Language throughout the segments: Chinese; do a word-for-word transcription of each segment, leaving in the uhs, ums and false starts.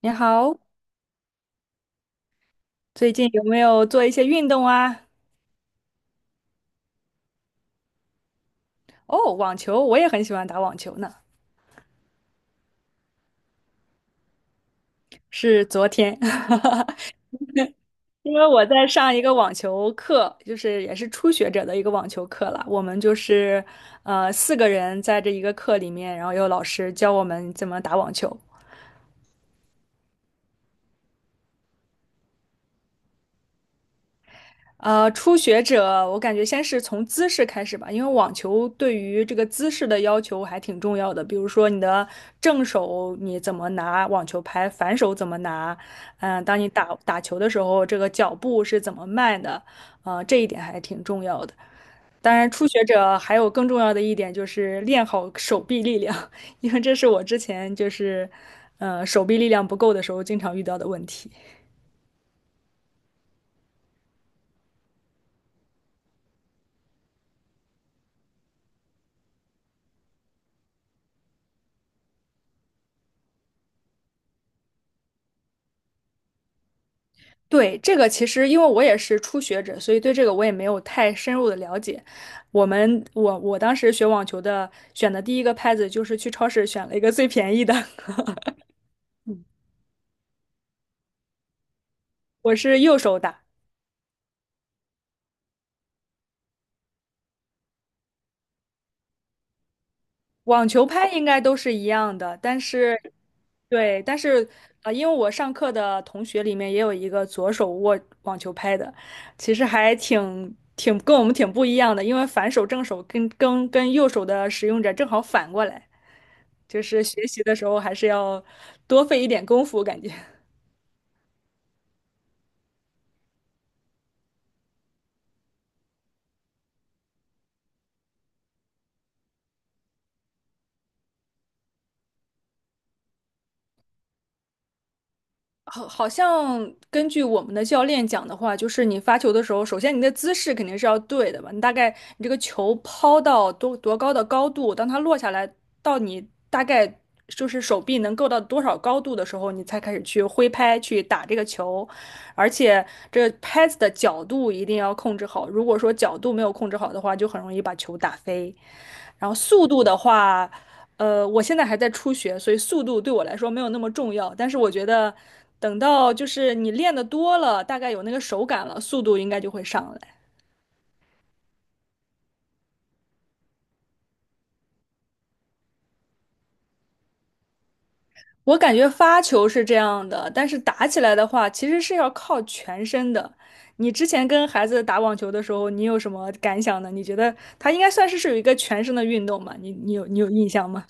你好，最近有没有做一些运动啊？哦，网球，我也很喜欢打网球呢。是昨天，因为我在上一个网球课，就是也是初学者的一个网球课了。我们就是呃四个人在这一个课里面，然后有老师教我们怎么打网球。呃，初学者，我感觉先是从姿势开始吧，因为网球对于这个姿势的要求还挺重要的。比如说你的正手你怎么拿网球拍，反手怎么拿，嗯、当你打打球的时候，这个脚步是怎么迈的，呃，这一点还挺重要的。当然，初学者还有更重要的一点就是练好手臂力量，因为这是我之前就是，呃，手臂力量不够的时候经常遇到的问题。对，这个其实因为我也是初学者，所以对这个我也没有太深入的了解。我们我我当时学网球的，选的第一个拍子就是去超市选了一个最便宜的，我是右手打，网球拍应该都是一样的，但是对，但是啊，因为我上课的同学里面也有一个左手握网球拍的，其实还挺挺跟我们挺不一样的，因为反手正手跟跟跟右手的使用者正好反过来。就是学习的时候还是要多费一点功夫，感觉 好，好像根据我们的教练讲的话，就是你发球的时候，首先你的姿势肯定是要对的吧？你大概你这个球抛到多多高的高度，当它落下来到你大概就是手臂能够到多少高度的时候，你才开始去挥拍去打这个球，而且这拍子的角度一定要控制好，如果说角度没有控制好的话，就很容易把球打飞。然后速度的话，呃，我现在还在初学，所以速度对我来说没有那么重要。但是我觉得，等到就是你练的多了，大概有那个手感了，速度应该就会上来。我感觉发球是这样的，但是打起来的话，其实是要靠全身的。你之前跟孩子打网球的时候，你有什么感想呢？你觉得它应该算是是有一个全身的运动嘛？你你有你有印象吗？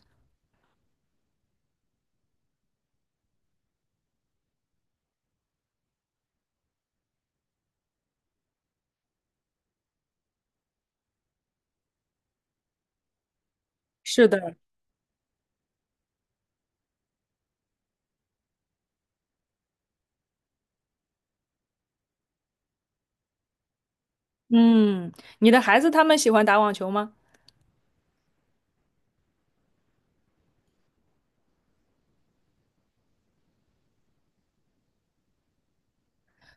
是的。嗯，你的孩子他们喜欢打网球吗？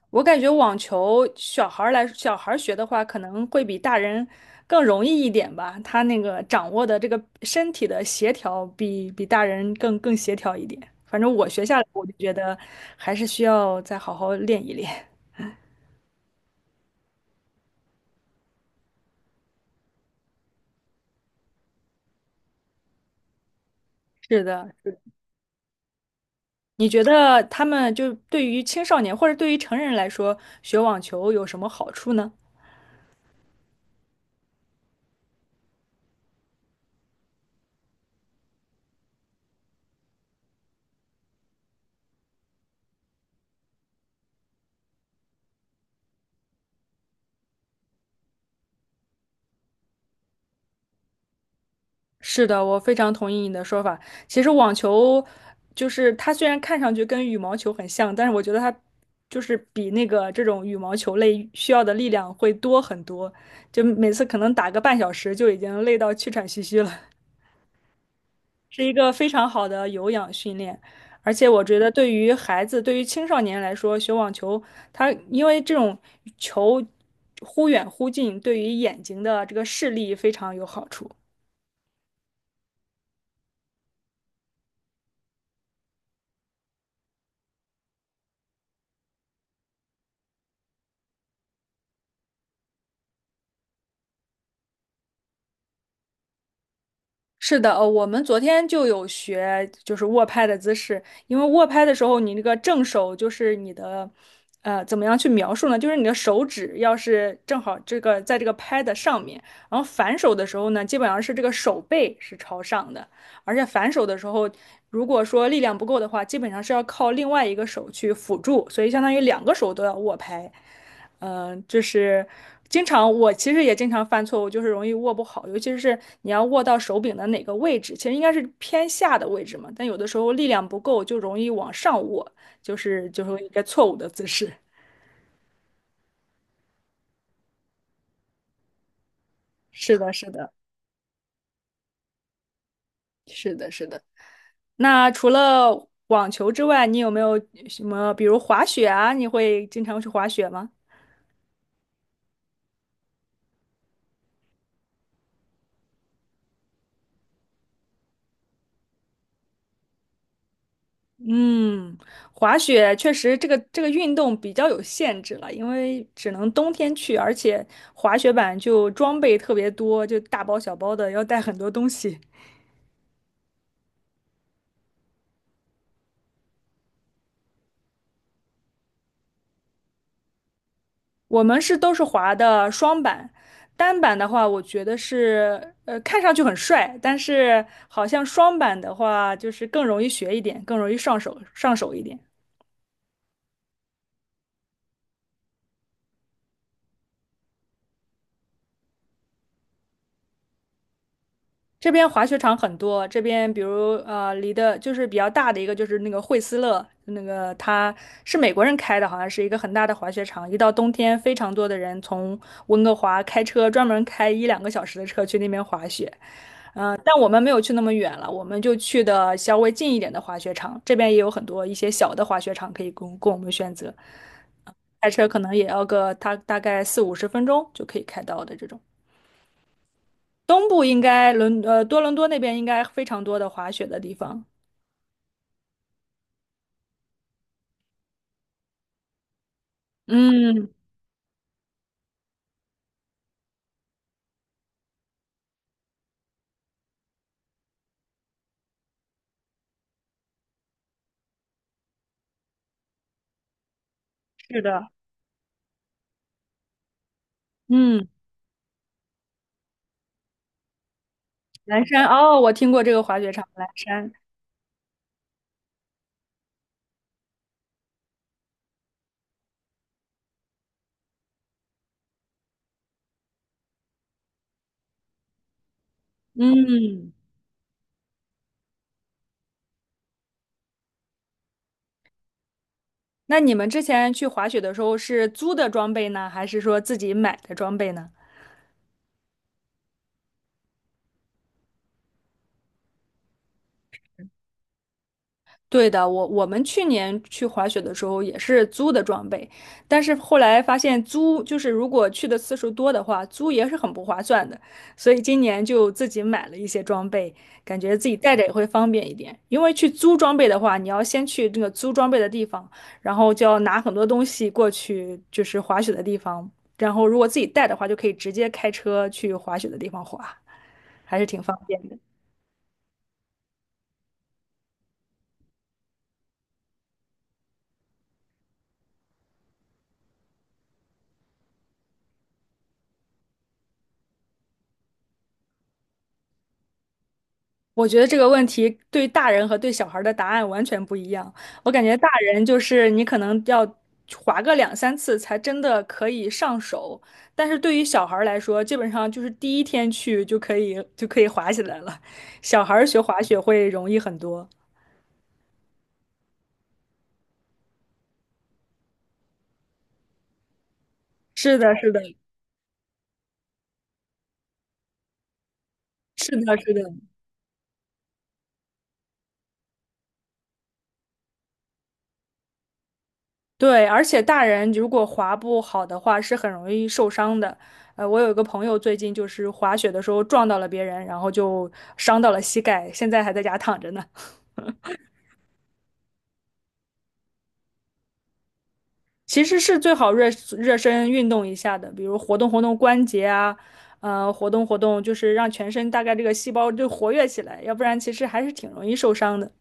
我感觉网球小孩儿来，小孩儿学的话，可能会比大人更容易一点吧。他那个掌握的这个身体的协调比，比大人更更协调一点。反正我学下来，我就觉得还是需要再好好练一练。是的，你觉得他们就对于青少年或者对于成人来说，学网球有什么好处呢？是的，我非常同意你的说法。其实网球就是它虽然看上去跟羽毛球很像，但是我觉得它就是比那个这种羽毛球类需要的力量会多很多，就每次可能打个半小时就已经累到气喘吁吁了，是一个非常好的有氧训练。而且我觉得对于孩子，对于青少年来说，学网球，它因为这种球忽远忽近，对于眼睛的这个视力非常有好处。是的，呃，我们昨天就有学，就是握拍的姿势。因为握拍的时候，你那个正手就是你的，呃，怎么样去描述呢？就是你的手指要是正好这个在这个拍的上面，然后反手的时候呢，基本上是这个手背是朝上的，而且反手的时候，如果说力量不够的话，基本上是要靠另外一个手去辅助，所以相当于两个手都要握拍。嗯，呃就是经常我其实也经常犯错误，就是容易握不好，尤其是你要握到手柄的哪个位置，其实应该是偏下的位置嘛，但有的时候力量不够，就容易往上握，就是就是一个错误的姿势。是的，是的，是的，是的。那除了网球之外，你有没有什么，比如滑雪啊？你会经常去滑雪吗？嗯，滑雪确实这个这个运动比较有限制了，因为只能冬天去，而且滑雪板就装备特别多，就大包小包的要带很多东西。我们是都是滑的双板，单板的话，我觉得是呃看上去很帅，但是好像双板的话就是更容易学一点，更容易上手上手一点。这边滑雪场很多，这边比如呃，离的就是比较大的一个就是那个惠斯勒，那个它是美国人开的，好像是一个很大的滑雪场。一到冬天，非常多的人从温哥华开车，专门开一两个小时的车去那边滑雪。嗯、呃但我们没有去那么远了，我们就去的稍微近一点的滑雪场。这边也有很多一些小的滑雪场可以供供我们选择，开车可能也要个大大概四五十分钟就可以开到的这种。东部应该伦呃多伦多那边应该非常多的滑雪的地方。嗯，是的，嗯，蓝山哦，我听过这个滑雪场，蓝山。嗯，那你们之前去滑雪的时候是租的装备呢，还是说自己买的装备呢？对的，我我们去年去滑雪的时候也是租的装备，但是后来发现租就是如果去的次数多的话，租也是很不划算的，所以今年就自己买了一些装备，感觉自己带着也会方便一点。因为去租装备的话，你要先去那个租装备的地方，然后就要拿很多东西过去，就是滑雪的地方，然后如果自己带的话，就可以直接开车去滑雪的地方滑，还是挺方便。我觉得这个问题对大人和对小孩儿的答案完全不一样。我感觉大人就是你可能要滑个两三次才真的可以上手，但是对于小孩儿来说，基本上就是第一天去就可以就可以滑起来了。小孩儿学滑雪会容易很多。是的，是的，是的，是的。对，而且大人如果滑不好的话，是很容易受伤的。呃，我有一个朋友最近就是滑雪的时候撞到了别人，然后就伤到了膝盖，现在还在家躺着呢。其实是最好热热身运动一下的，比如活动活动关节啊，呃，活动活动，就是让全身大概这个细胞就活跃起来，要不然其实还是挺容易受伤的。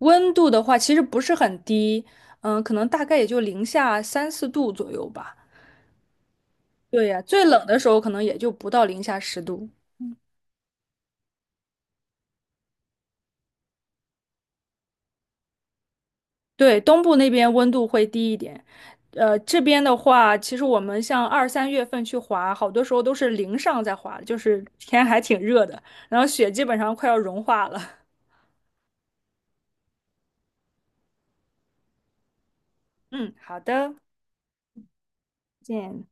温度的话，其实不是很低，嗯、可能大概也就零下三四度左右吧。对呀，最冷的时候可能也就不到零下十度。对，东部那边温度会低一点，呃，这边的话，其实我们像二三月份去滑，好多时候都是零上在滑，就是天还挺热的，然后雪基本上快要融化了。嗯，好的，再见。